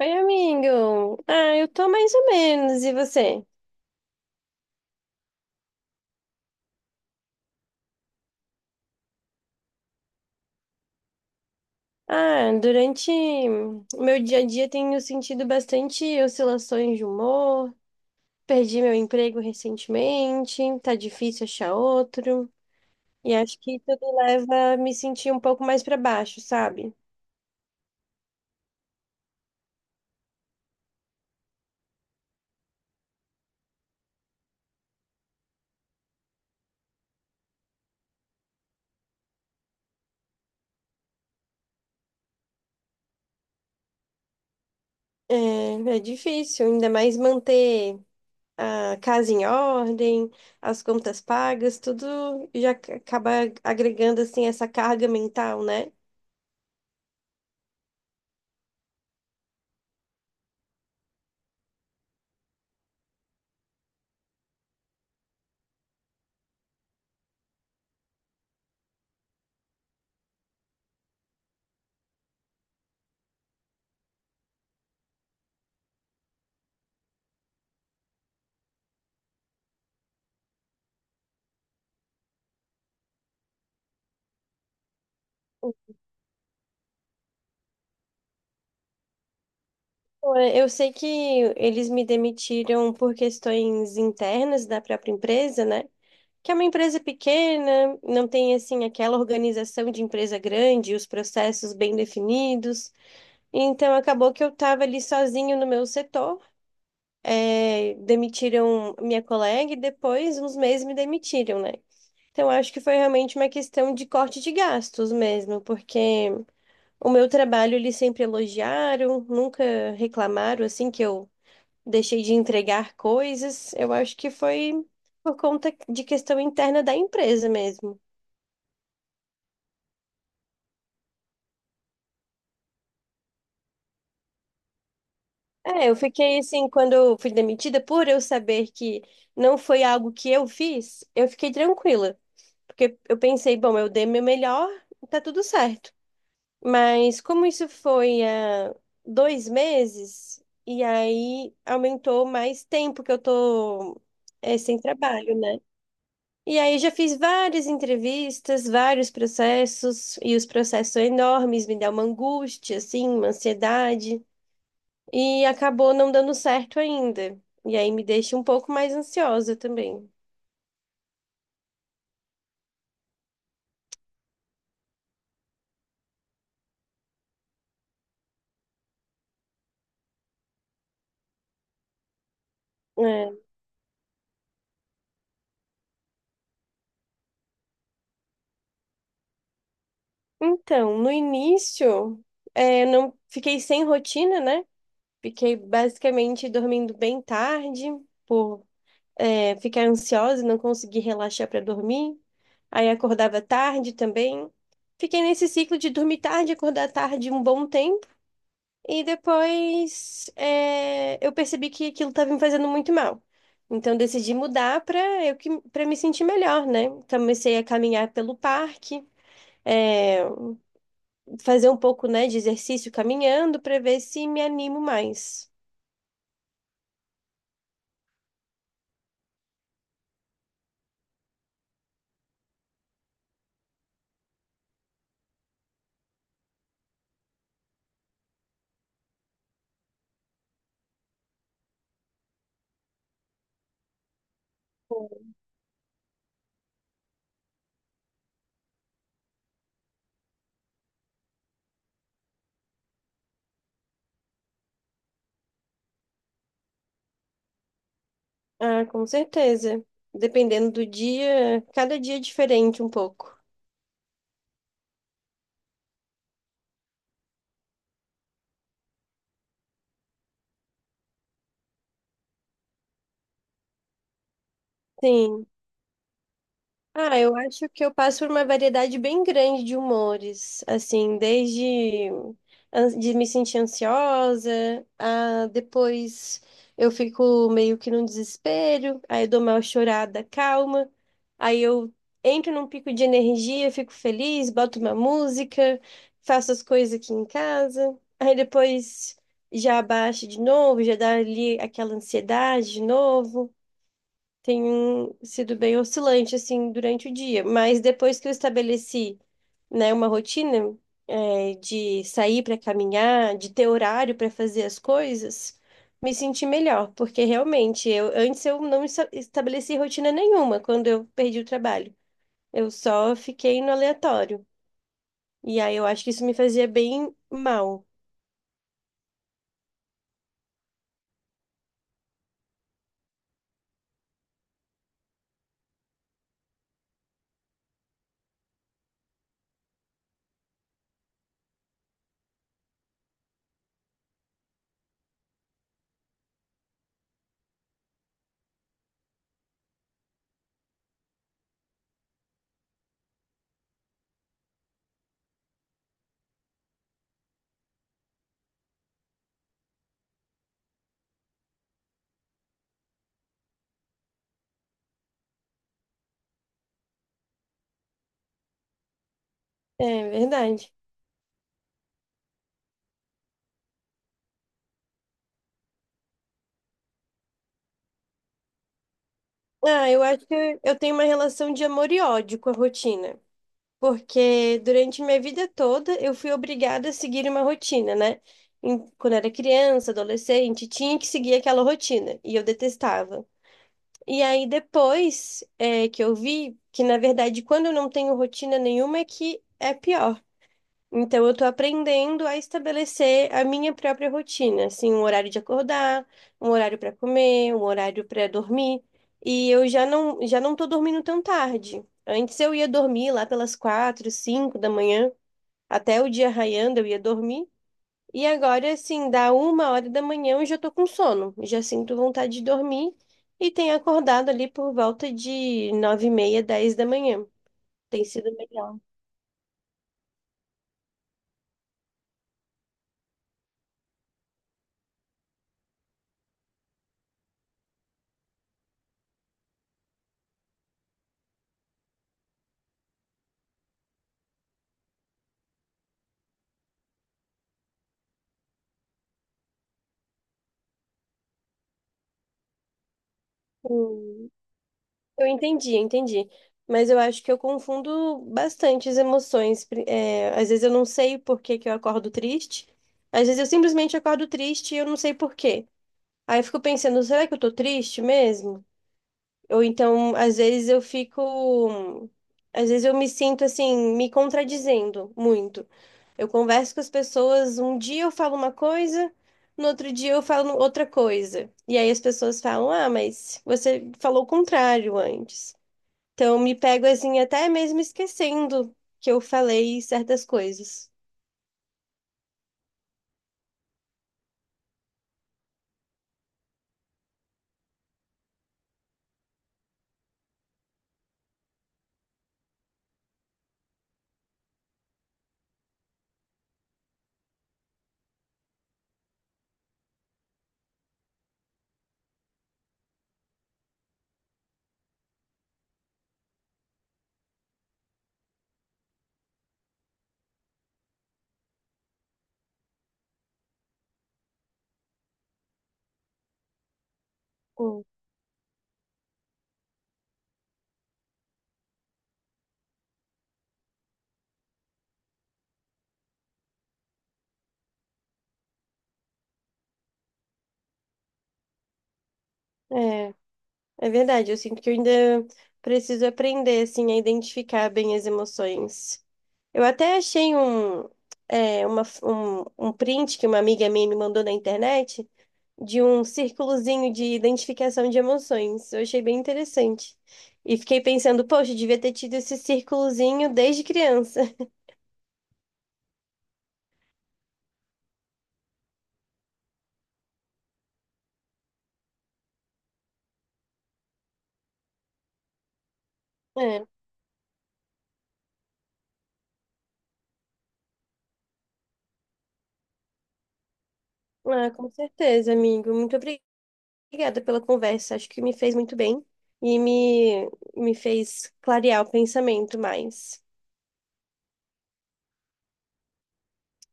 Oi, amigo. Eu tô mais ou menos. E você? Ah, durante o meu dia a dia tenho sentido bastante oscilações de humor. Perdi meu emprego recentemente, tá difícil achar outro. E acho que tudo leva a me sentir um pouco mais pra baixo, sabe? É, é difícil, ainda mais manter a casa em ordem, as contas pagas, tudo já acaba agregando assim essa carga mental, né? Pô, eu sei que eles me demitiram por questões internas da própria empresa, né? Que é uma empresa pequena, não tem assim aquela organização de empresa grande, os processos bem definidos. Então acabou que eu estava ali sozinho no meu setor. É, demitiram minha colega e depois, uns meses, me demitiram, né? Então acho que foi realmente uma questão de corte de gastos mesmo, porque o meu trabalho eles sempre elogiaram, nunca reclamaram assim que eu deixei de entregar coisas. Eu acho que foi por conta de questão interna da empresa mesmo. É, eu fiquei assim, quando eu fui demitida, por eu saber que não foi algo que eu fiz, eu fiquei tranquila. Porque eu pensei, bom, eu dei meu melhor, tá tudo certo. Mas como isso foi há 2 meses, e aí aumentou mais tempo que eu tô, sem trabalho, né? E aí já fiz várias entrevistas, vários processos, e os processos são enormes, me dá uma angústia, assim, uma ansiedade, e acabou não dando certo ainda. E aí me deixa um pouco mais ansiosa também. É. Então, no início, eu não fiquei sem rotina, né? Fiquei basicamente dormindo bem tarde, por ficar ansiosa e não conseguir relaxar para dormir. Aí acordava tarde também. Fiquei nesse ciclo de dormir tarde, acordar tarde um bom tempo. E depois eu percebi que aquilo estava me fazendo muito mal. Então decidi mudar para eu que para me sentir melhor, né? Comecei a caminhar pelo parque, é, fazer um pouco, né, de exercício caminhando para ver se me animo mais. Ah, com certeza. Dependendo do dia, cada dia é diferente um pouco. Sim. Ah, eu acho que eu passo por uma variedade bem grande de humores, assim, desde de me sentir ansiosa, a depois eu fico meio que num desespero, aí eu dou uma chorada calma, aí eu entro num pico de energia, fico feliz, boto uma música, faço as coisas aqui em casa, aí depois já abaixo de novo, já dá ali aquela ansiedade de novo, tem sido bem oscilante assim durante o dia. Mas depois que eu estabeleci, né, uma rotina, de sair para caminhar, de ter horário para fazer as coisas, me senti melhor, porque realmente eu antes eu não estabeleci rotina nenhuma quando eu perdi o trabalho. Eu só fiquei no aleatório. E aí eu acho que isso me fazia bem mal. É verdade. Ah, eu acho que eu tenho uma relação de amor e ódio com a rotina, porque durante minha vida toda eu fui obrigada a seguir uma rotina, né? Quando era criança, adolescente, tinha que seguir aquela rotina e eu detestava. E aí depois que eu vi que, na verdade, quando eu não tenho rotina nenhuma é que é pior. Então, eu tô aprendendo a estabelecer a minha própria rotina, assim, um horário de acordar, um horário para comer, um horário para dormir. E eu já não tô dormindo tão tarde. Antes eu ia dormir lá pelas 4, 5 da manhã, até o dia raiando eu ia dormir. E agora, assim, dá 1 hora da manhã eu já tô com sono, já sinto vontade de dormir e tenho acordado ali por volta de 9h30, 10 da manhã. Tem sido melhor. Eu entendi. Mas eu acho que eu confundo bastante as emoções. Às vezes eu não sei por que que eu acordo triste. Às vezes eu simplesmente acordo triste e eu não sei por quê. Aí eu fico pensando, será que eu tô triste mesmo? Ou então, às vezes eu fico. Às vezes eu me sinto assim, me contradizendo muito. Eu converso com as pessoas, um dia eu falo uma coisa, no outro dia eu falo outra coisa. E aí as pessoas falam, ah, mas você falou o contrário antes. Então, me pego assim, até mesmo esquecendo que eu falei certas coisas. Hum. É, é verdade. Eu sinto que eu ainda preciso aprender, assim, a identificar bem as emoções. Eu até achei um print que uma amiga minha me mandou na internet, de um círculozinho de identificação de emoções. Eu achei bem interessante. E fiquei pensando, poxa, eu devia ter tido esse círculozinho desde criança. É. Ah, com certeza, amigo. Muito obrigada. Obrigada pela conversa, acho que me fez muito bem e me, me fez clarear o pensamento mais.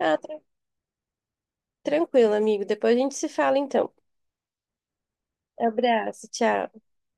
Ah, tranquilo, amigo. Depois a gente se fala então. Abraço, tchau.